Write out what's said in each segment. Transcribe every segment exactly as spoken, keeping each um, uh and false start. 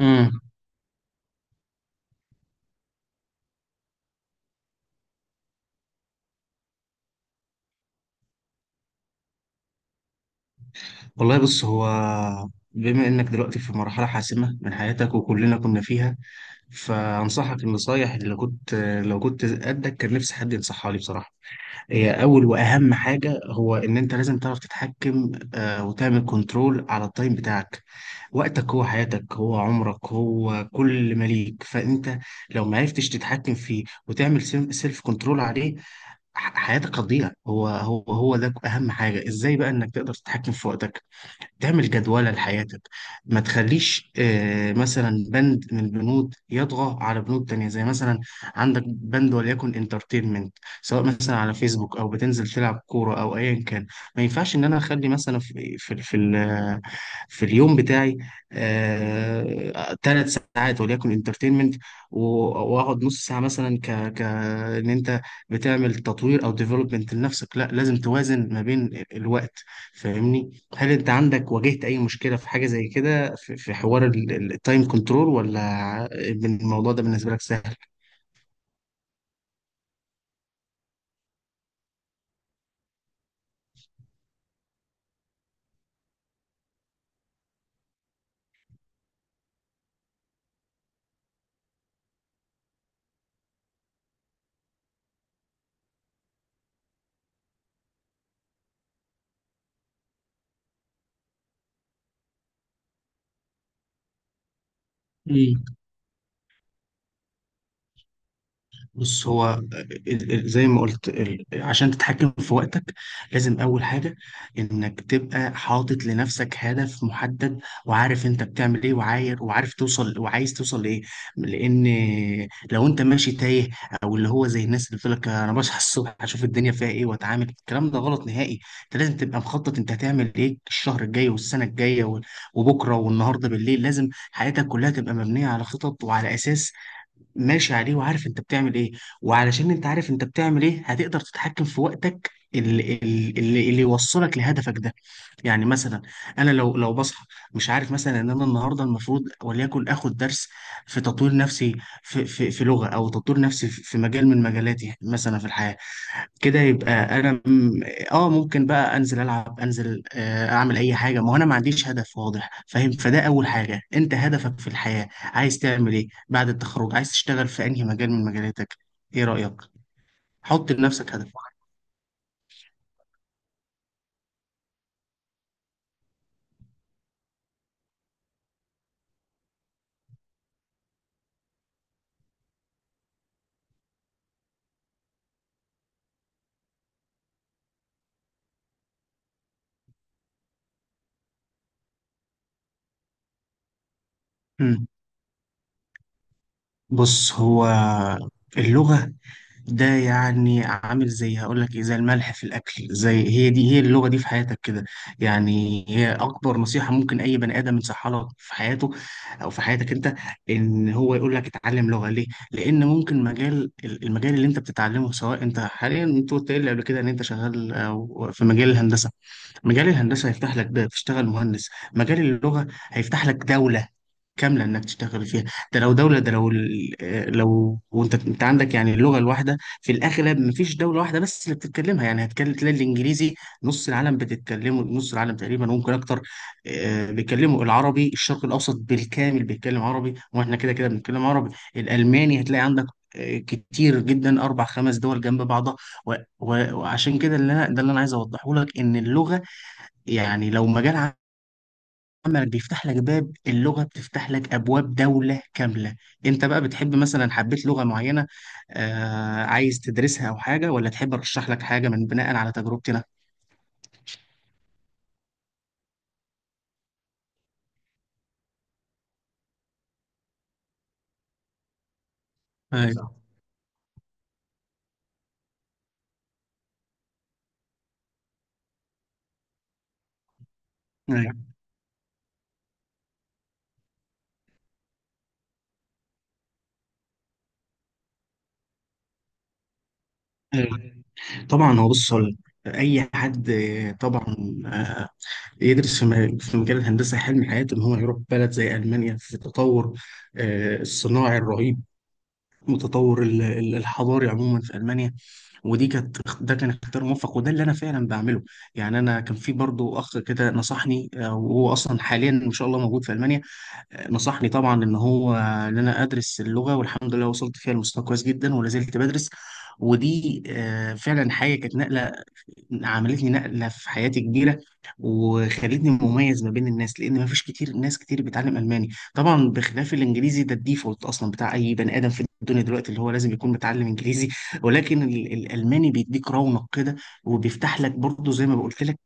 امم والله، بص، هو. بما انك دلوقتي في مرحله حاسمه من حياتك وكلنا كنا فيها، فانصحك النصايح اللي كنت لو كنت قدك كان نفسي حد ينصحها لي بصراحه. هي اول واهم حاجه، هو ان انت لازم تعرف تتحكم آه، وتعمل كنترول على التايم بتاعك. وقتك هو حياتك، هو عمرك، هو كل ما ليك. فانت لو ما عرفتش تتحكم فيه وتعمل سيلف كنترول عليه، ح- حياتك هتضيع. هو هو هو ده اهم حاجه. ازاي بقى انك تقدر تتحكم في وقتك، تعمل جدولة لحياتك؟ ما تخليش آه، مثلا بند من البنود يطغى على بنود تانية، زي مثلا عندك بند وليكن انترتينمنت، سواء مثلا على فيسبوك او بتنزل تلعب كورة او ايا كان. ما ينفعش ان انا اخلي مثلا في في في, ال- في اليوم بتاعي ثلاث ساعات وليكن انترتينمنت، واقعد نص ساعة مثلا ك ك ان انت بتعمل تطوير او ديفلوبمنت لنفسك. لا، لازم توازن ما بين الوقت. فاهمني؟ هل انت عندك واجهت اي مشكلة في حاجة زي كده في في حوار التايم كنترول، ولا الموضوع ده بالنسبة لك سهل؟ بص، هو ال- ال- زي ما قلت، ال- عشان تتحكم في وقتك لازم أول حاجة إنك تبقى حاطط لنفسك هدف محدد، وعارف أنت بتعمل إيه، وعاير وعارف توصل وعايز توصل لإيه. لأن لو أنت ماشي تايه، أو اللي هو زي الناس اللي بتقول لك أنا بصحى الصبح أشوف الدنيا فيها إيه وأتعامل، الكلام ده غلط نهائي. أنت لازم تبقى مخطط، أنت هتعمل إيه الشهر الجاي والسنة الجاية وال- وبكرة والنهاردة بالليل. لازم حياتك كلها تبقى مبنية على خطط وعلى أساس ماشي عليه وعارف انت بتعمل ايه. وعلشان انت عارف انت بتعمل ايه، هتقدر تتحكم في وقتك اللي, اللي, اللي يوصلك لهدفك ده. يعني مثلا انا لو لو بصحى مش عارف مثلا ان انا النهارده المفروض وليكن اخد درس في تطوير نفسي في, في, في لغة، او تطوير نفسي في في مجال من مجالاتي مثلا في الحياة كده، يبقى انا م- اه، ممكن بقى انزل العب، انزل آه، اعمل اي حاجه، ما هو انا ما عنديش هدف واضح، فاهم؟ فده اول حاجه، انت هدفك في الحياه عايز تعمل ايه بعد التخرج؟ عايز تشتغل في انهي مجال من مجالاتك؟ ايه رايك؟ حط لنفسك هدف. مم. بص، هو اللغه ده يعني عامل زي هقول لك ايه، زي الملح في الاكل، زي، هي دي، هي اللغه دي في حياتك كده. يعني هي اكبر نصيحه ممكن اي بني ادم ينصحها لك في حياته او في حياتك انت، ان هو يقول لك اتعلم لغه. ليه؟ لان ممكن مجال، المجال اللي انت بتتعلمه، سواء انت حاليا انت قلت لي قبل كده ان انت شغال أو في مجال الهندسه، مجال الهندسه هيفتح لك باب تشتغل مهندس، مجال اللغه هيفتح لك دوله كامله انك تشتغل فيها. ده لو دوله، ده لو ال- آه، لو، وانت انت عندك يعني اللغه الواحده في الاغلب مفيش دوله واحده بس اللي بتتكلمها. يعني هتكلم تلاقي الانجليزي نص العالم بتتكلمه، نص العالم تقريبا ممكن اكتر. آه، بيتكلموا العربي، الشرق الاوسط بالكامل بيتكلم عربي، واحنا كده كده بنتكلم عربي. الالماني هتلاقي عندك آه، كتير جدا، اربع خمس دول جنب بعضها، و- و- وعشان كده، اللي انا ده اللي انا عايز اوضحه لك، ان اللغه يعني لو مجال عملك بيفتح لك باب، اللغة بتفتح لك أبواب دولة كاملة. أنت بقى بتحب مثلا، حبيت لغة معينة، آه، عايز تدرسها أو حاجة، ولا تحب أرشح لك حاجة من بناء على تجربتي أنا؟ ايوه. أيوة. أيوة. طبعا هو، بص، هقول لك، أي حد آه، طبعا آه، يدرس في م- في مجال الهندسة، حلم حياته إن هو يروح بلد زي ألمانيا في التطور آه، الصناعي الرهيب، متطور ال- ال- الحضاري عموما في المانيا. ودي كانت، ده كان اختيار موفق، وده اللي انا فعلا بعمله. يعني انا كان في برضو اخ كده نصحني آه، وهو اصلا حاليا ان شاء الله موجود في المانيا، آه، نصحني طبعا ان هو ان انا ادرس اللغه، والحمد لله وصلت فيها لمستوى كويس جدا ولا زلت بدرس. ودي آه، فعلا حاجه كانت نقله، عملت لي نقلة في حياتي كبيرة، وخلتني مميز ما بين الناس، لأن ما فيش كتير ناس كتير بتعلم ألماني. طبعا بخلاف الإنجليزي، ده الديفولت أصلا بتاع أي بني آدم في الدنيا دلوقتي، اللي هو لازم يكون متعلم إنجليزي. ولكن ال- الألماني بيديك رونق كده، وبيفتح لك برضه زي ما بقولت لك،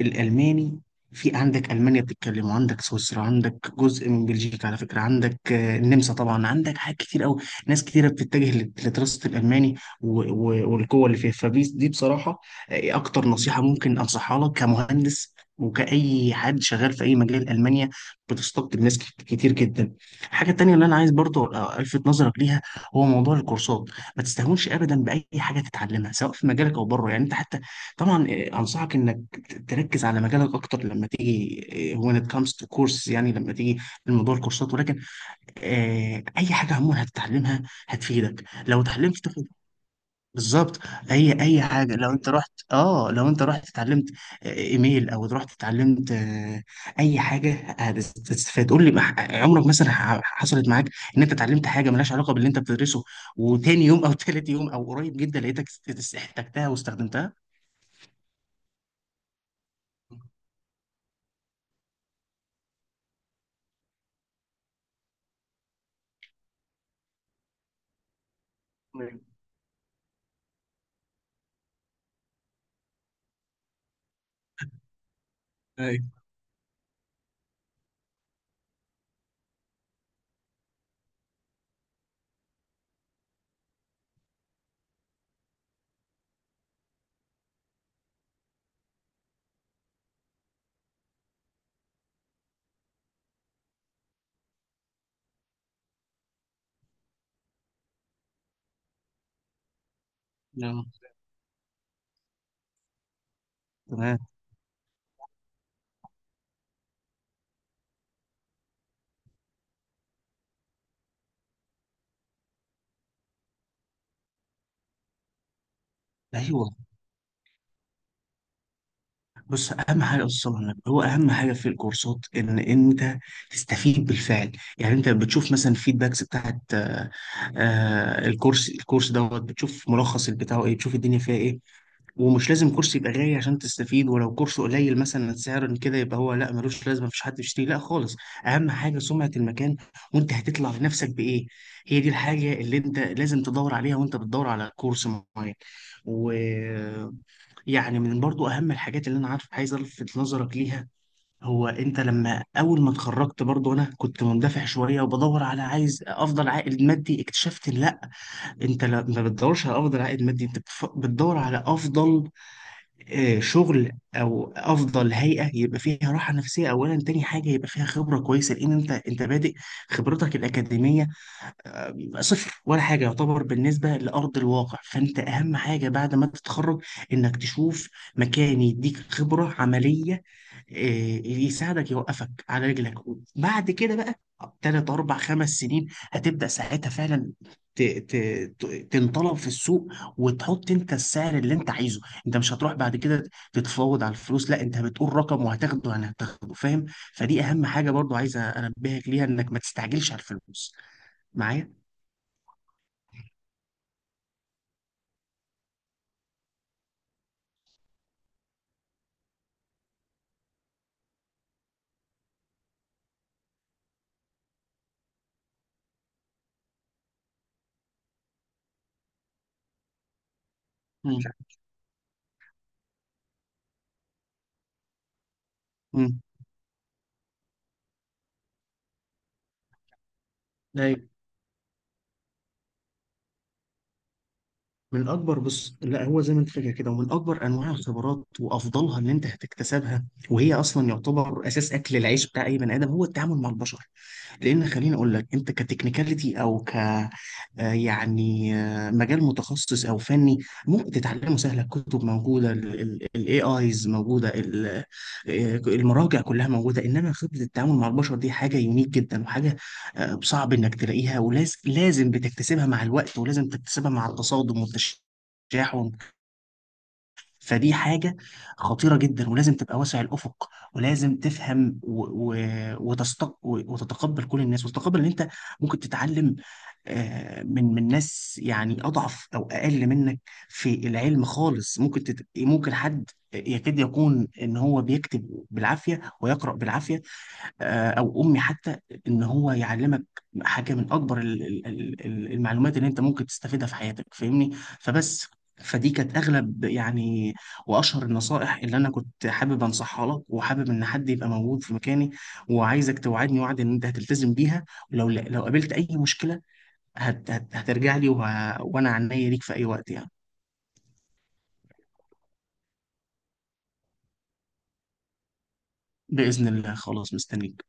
الألماني في عندك ألمانيا بتتكلم، وعندك سويسرا، عندك جزء من بلجيكا على فكرة، عندك آه، النمسا طبعا، عندك حاجات كتير أوي. ناس كتيرة بتتجه لت- لدراسة الألماني و- و- والقوة اللي فيها. فدي بصراحة آه، إيه أكتر نصيحة ممكن أنصحها لك كمهندس وكأي حد شغال في أي مجال. ألمانيا بتستقطب ناس كت- كتير جدا. الحاجة التانية اللي أنا عايز برضو آه، ألفت نظرك ليها، هو موضوع الكورسات. ما تستهونش أبدا بأي حاجة تتعلمها سواء في مجالك أو بره. يعني أنت حتى، طبعا آه، أنصحك إنك تركز على مجالك اكتر لما تيجي، آه، when it comes to course، يعني لما تيجي الموضوع الكورسات. ولكن آه، اي حاجه عموما هتتعلمها هتفيدك لو اتعلمت تاخد بالظبط. اي اي حاجه لو انت رحت، اه، لو انت رحت اتعلمت آه، ايميل، او رحت اتعلمت آه، اي حاجه، هتستفاد. قول لي، مح- عمرك مثلا ح- حصلت معاك ان انت اتعلمت حاجه ملهاش علاقه باللي انت بتدرسه، وتاني يوم او تالت يوم او قريب جدا لقيتك است- است- احتجتها واستخدمتها؟ ايوه. نعم. تمام. ايوه، بص، اهم حاجه اصلا النبي، هو اهم حاجه في الكورسات ان انت تستفيد بالفعل. يعني انت بتشوف مثلا الفيدباكس بتاعت آه، آه، الكورس الكورس دوت، بتشوف ملخص بتاعه ايه، بتشوف الدنيا فيها ايه. ومش لازم كورس يبقى غالي عشان تستفيد، ولو كورس قليل مثلا سعرا كده يبقى هو لا، ملوش لازمه، مفيش حد يشتري لا خالص. اهم حاجه سمعه المكان، وانت هتطلع لنفسك بايه. هي دي الحاجه اللي انت لازم تدور عليها وانت بتدور على كورس معين. و... يعني من برضو اهم الحاجات اللي انا عارف عايز الفت نظرك ليها، هو انت لما اول ما اتخرجت، برضو انا كنت مندفع شويه وبدور على، عايز افضل عائد مادي. اكتشفت إن لا، انت لا- ما بتدورش على افضل عائد مادي، انت بتف- بتدور على افضل آه، شغل، او افضل هيئه يبقى فيها راحه نفسيه اولا. تاني حاجه، يبقى فيها خبره كويسه، لان انت انت بادئ، خبرتك الاكاديميه صفر ولا حاجة يعتبر بالنسبة لأرض الواقع. فأنت أهم حاجة بعد ما تتخرج، إنك تشوف مكان يديك خبرة عملية، إيه، يساعدك يوقفك على رجلك. بعد كده بقى تلات أربع خمس سنين، هتبدأ ساعتها فعلا ت- ت- ت- تنطلب في السوق، وتحط انت السعر اللي انت عايزه. انت مش هتروح بعد كده تتفاوض على الفلوس، لا، انت بتقول رقم وهتاخده، انا هتاخده، فاهم. فدي اهم حاجة برضو عايز انبهك ليها، انك ما تستعجلش على الفلوس معايا. مم. مم. ايوه، من اكبر، بص، لا، هو زي ما انت فاكر كده. ومن اكبر انواع الخبرات وافضلها اللي انت هتكتسبها، وهي اصلا يعتبر اساس اكل العيش بتاع اي بني ادم، هو التعامل مع البشر. لان خليني اقول لك، انت كتكنيكاليتي، او ك آه، يعني آه، مجال متخصص او فني ممكن تتعلمه سهل، الكتب موجوده، الاي ايز موجوده، ال- آه، المراجع كلها موجوده. انما خبره التعامل مع البشر دي حاجه يونيك جدا، وحاجه آه، صعب انك تلاقيها، ولازم لازم بتكتسبها مع الوقت، ولازم تكتسبها مع التصادم والتشاحن. فدي حاجة خطيرة جدا، ولازم تبقى واسع الأفق، ولازم تفهم و... و... وتستق... و- وتتقبل كل الناس، وتتقبل ان انت ممكن تتعلم آه، من من ناس يعني أضعف أو أقل منك في العلم خالص. ممكن تت... ممكن حد يكاد يكون ان هو بيكتب بالعافية ويقرأ بالعافية آه، او امي حتى، ان هو يعلمك حاجه من اكبر ال- ال- ال- ال- المعلومات اللي انت ممكن تستفيدها في حياتك، فاهمني. فبس، فدي كانت اغلب يعني، واشهر النصائح اللي انا كنت حابب انصحها لك، وحابب ان حد يبقى موجود في مكاني، وعايزك توعدني وعد ان انت هتلتزم بيها. ولو لو قابلت اي مشكله، هت هت هترجع لي، وه... وانا عنيا ليك في اي وقت يعني. باذن الله، خلاص، مستنيك.